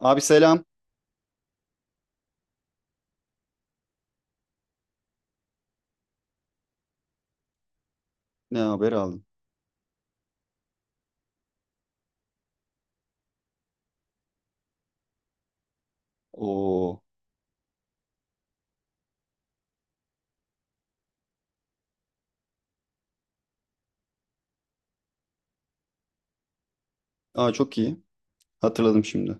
Abi selam. Ne haber aldın? Oo. Aa çok iyi. Hatırladım şimdi.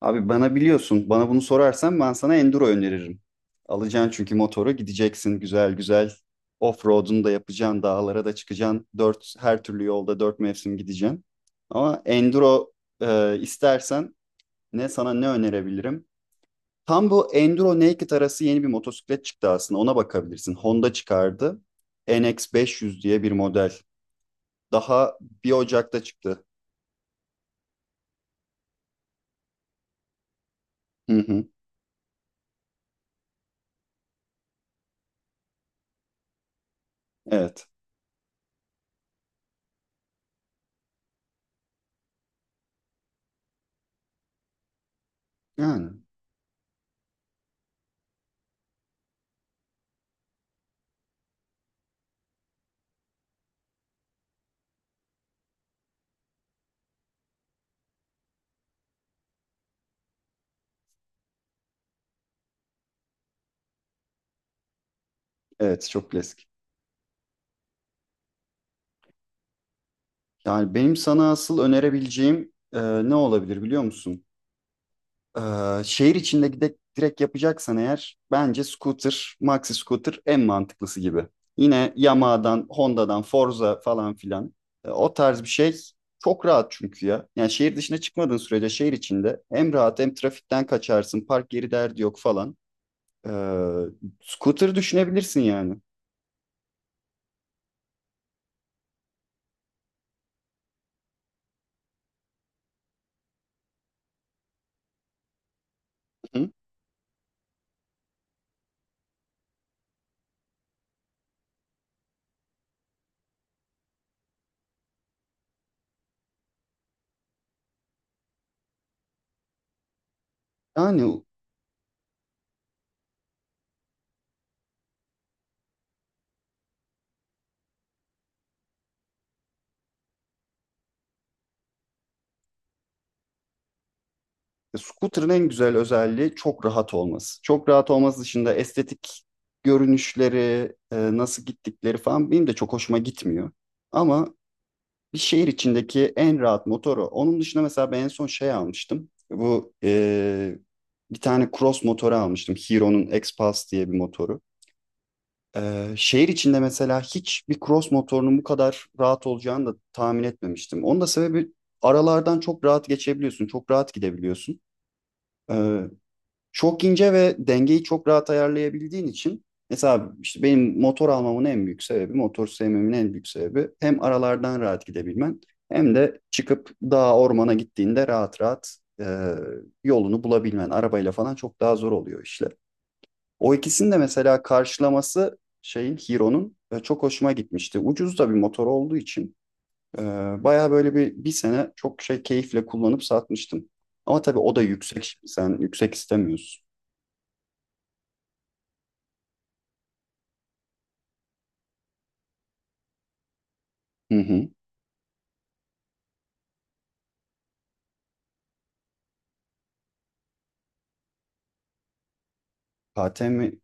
Abi bana biliyorsun. Bana bunu sorarsan ben sana Enduro öneririm. Alacaksın çünkü motoru gideceksin güzel güzel. Off-road'unu da yapacaksın. Dağlara da çıkacaksın. Her türlü yolda dört mevsim gideceksin. Ama Enduro istersen ne sana ne önerebilirim? Tam bu Enduro Naked arası yeni bir motosiklet çıktı aslında. Ona bakabilirsin. Honda çıkardı. NX500 diye bir model. Daha bir Ocak'ta çıktı. Hı hı, evet. Yani evet çok klasik. Yani benim sana asıl önerebileceğim ne olabilir biliyor musun? E, şehir içinde gidip direkt yapacaksan eğer bence scooter, maxi scooter en mantıklısı gibi. Yine Yamaha'dan, Honda'dan, Forza falan filan. O tarz bir şey çok rahat çünkü ya. Yani şehir dışına çıkmadığın sürece şehir içinde hem rahat hem trafikten kaçarsın. Park yeri derdi yok falan. E, scooter düşünebilirsin yani. Hı? Yani Scooter'ın en güzel özelliği çok rahat olması. Çok rahat olması dışında estetik görünüşleri, nasıl gittikleri falan benim de çok hoşuma gitmiyor. Ama bir şehir içindeki en rahat motoru. Onun dışında mesela ben en son şey almıştım. Bu bir tane cross motoru almıştım. Hero'nun X-Pulse diye bir motoru. E, şehir içinde mesela hiçbir cross motorunun bu kadar rahat olacağını da tahmin etmemiştim. Onun da sebebi aralardan çok rahat geçebiliyorsun, çok rahat gidebiliyorsun. Ee, çok ince ve dengeyi çok rahat ayarlayabildiğin için mesela işte benim motor almamın en büyük sebebi, motor sevmemin en büyük sebebi hem aralardan rahat gidebilmen hem de çıkıp dağa ormana gittiğinde rahat rahat yolunu bulabilmen. Arabayla falan çok daha zor oluyor işler. O ikisinin de mesela karşılaması şeyin Hero'nun çok hoşuma gitmişti. Ucuz da bir motor olduğu için e, baya böyle bir sene çok şey keyifle kullanıp satmıştım. Ama tabii o da yüksek. Sen yüksek istemiyorsun. Hı hı. KTM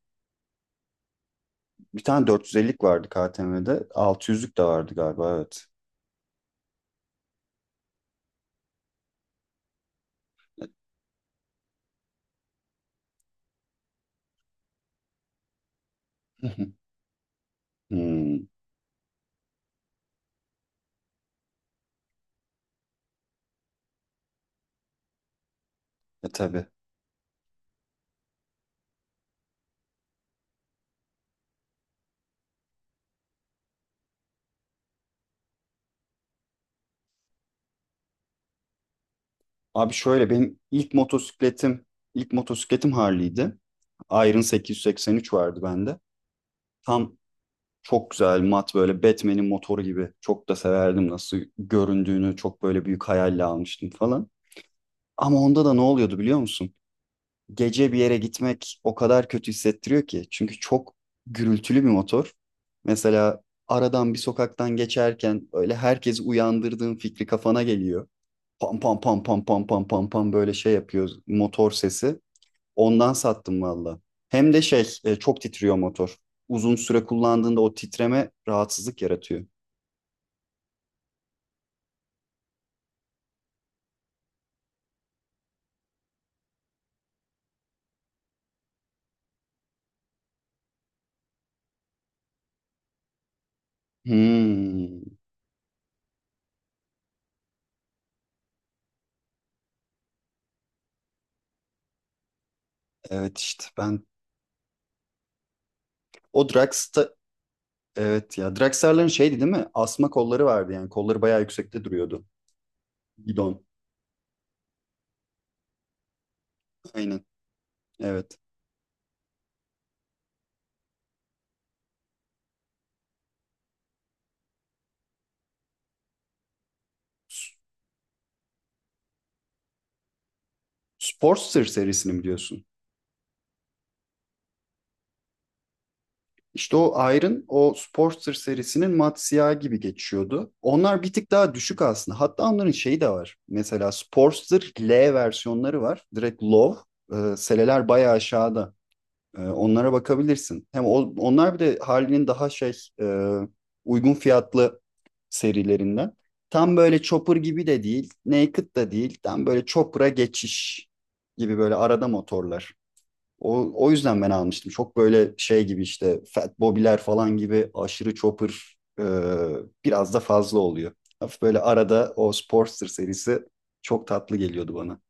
bir tane 450'lik vardı KTM'de. 600'lük de vardı galiba evet. Hmm, tabii. Abi şöyle benim ilk motosikletim Harley'di. Iron 883 vardı bende. Tam çok güzel mat böyle Batman'in motoru gibi. Çok da severdim nasıl göründüğünü. Çok böyle büyük hayalle almıştım falan. Ama onda da ne oluyordu biliyor musun? Gece bir yere gitmek o kadar kötü hissettiriyor ki. Çünkü çok gürültülü bir motor. Mesela aradan bir sokaktan geçerken öyle herkesi uyandırdığın fikri kafana geliyor. Pam pam pam pam pam pam pam pam böyle şey yapıyor motor sesi. Ondan sattım valla. Hem de çok titriyor motor. Uzun süre kullandığında o titreme rahatsızlık yaratıyor. Hmm, evet işte ben o Drax'ta, evet ya Drax'ların şeydi değil mi? Asma kolları vardı yani kolları bayağı yüksekte duruyordu. Gidon. Aynen. Evet. S- Sportster serisini mi diyorsun? İşte o Iron, o Sportster serisinin mat siyah gibi geçiyordu. Onlar bir tık daha düşük aslında. Hatta onların şeyi de var. Mesela Sportster L versiyonları var. Direkt low. Seleler bayağı aşağıda. Onlara bakabilirsin. Hem onlar bir de Harley'nin daha e, uygun fiyatlı serilerinden. Tam böyle Chopper gibi de değil, Naked da değil. Tam böyle Chopper'a geçiş gibi böyle arada motorlar. O yüzden ben almıştım. Çok böyle şey gibi işte Fat Bobby'ler falan gibi aşırı Chopper biraz da fazla oluyor. Hafif böyle arada o Sportster serisi çok tatlı geliyordu bana.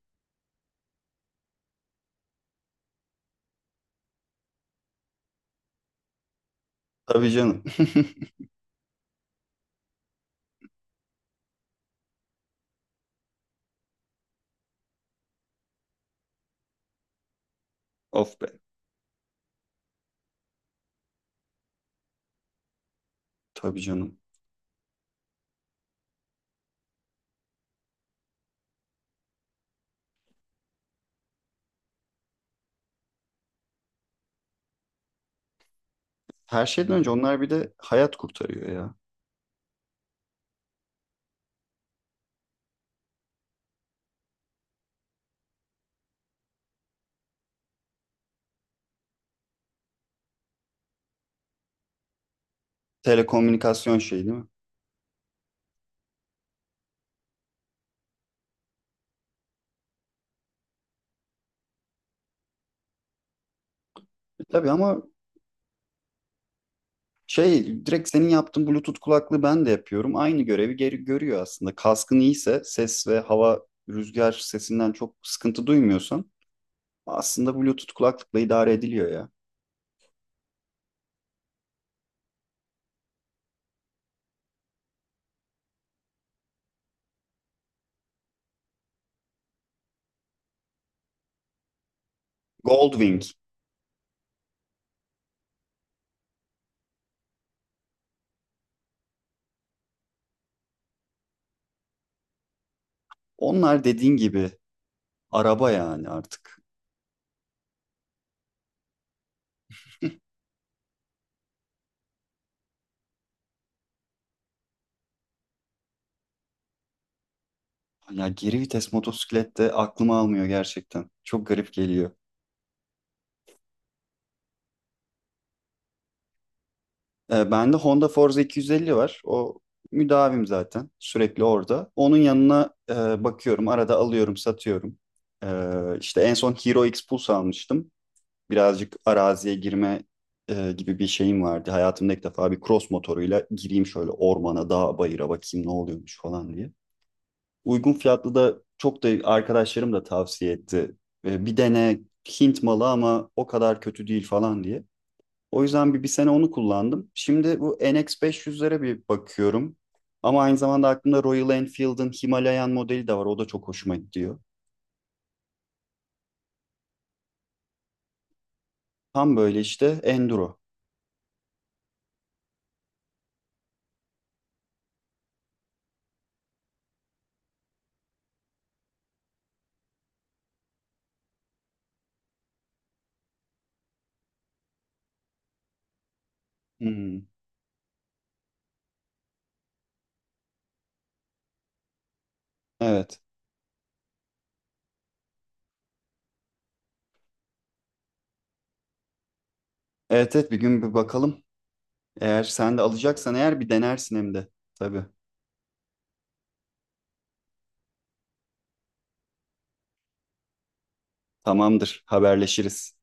Tabii canım. Of be. Tabii canım. Her şeyden önce onlar bir de hayat kurtarıyor ya. Telekomünikasyon şeyi değil mi? E tabii ama şey direkt senin yaptığın Bluetooth kulaklığı ben de yapıyorum. Aynı görevi geri görüyor aslında. Kaskın iyiyse ses ve hava rüzgar sesinden çok sıkıntı duymuyorsan aslında Bluetooth kulaklıkla idare ediliyor ya. Goldwing. Onlar dediğin gibi araba yani artık. Ya geri vites motosiklet de aklıma almıyor gerçekten. Çok garip geliyor. Bende Honda Forza 250 var. O müdavim zaten. Sürekli orada. Onun yanına bakıyorum. Arada alıyorum, satıyorum. E, işte en son Hero X Pulse almıştım. Birazcık araziye girme gibi bir şeyim vardı. Hayatımda ilk defa bir cross motoruyla gireyim şöyle ormana, dağa, bayıra bakayım ne oluyormuş falan diye. Uygun fiyatlı da çok da arkadaşlarım da tavsiye etti. Bir dene Hint malı ama o kadar kötü değil falan diye. O yüzden bir sene onu kullandım. Şimdi bu NX500'lere bir bakıyorum. Ama aynı zamanda aklımda Royal Enfield'ın Himalayan modeli de var. O da çok hoşuma gidiyor. Tam böyle işte enduro. Hmm, evet. Evet evet bir gün bir bakalım. Eğer sen de alacaksan eğer bir denersin hem de. Tabii. Tamamdır. Haberleşiriz.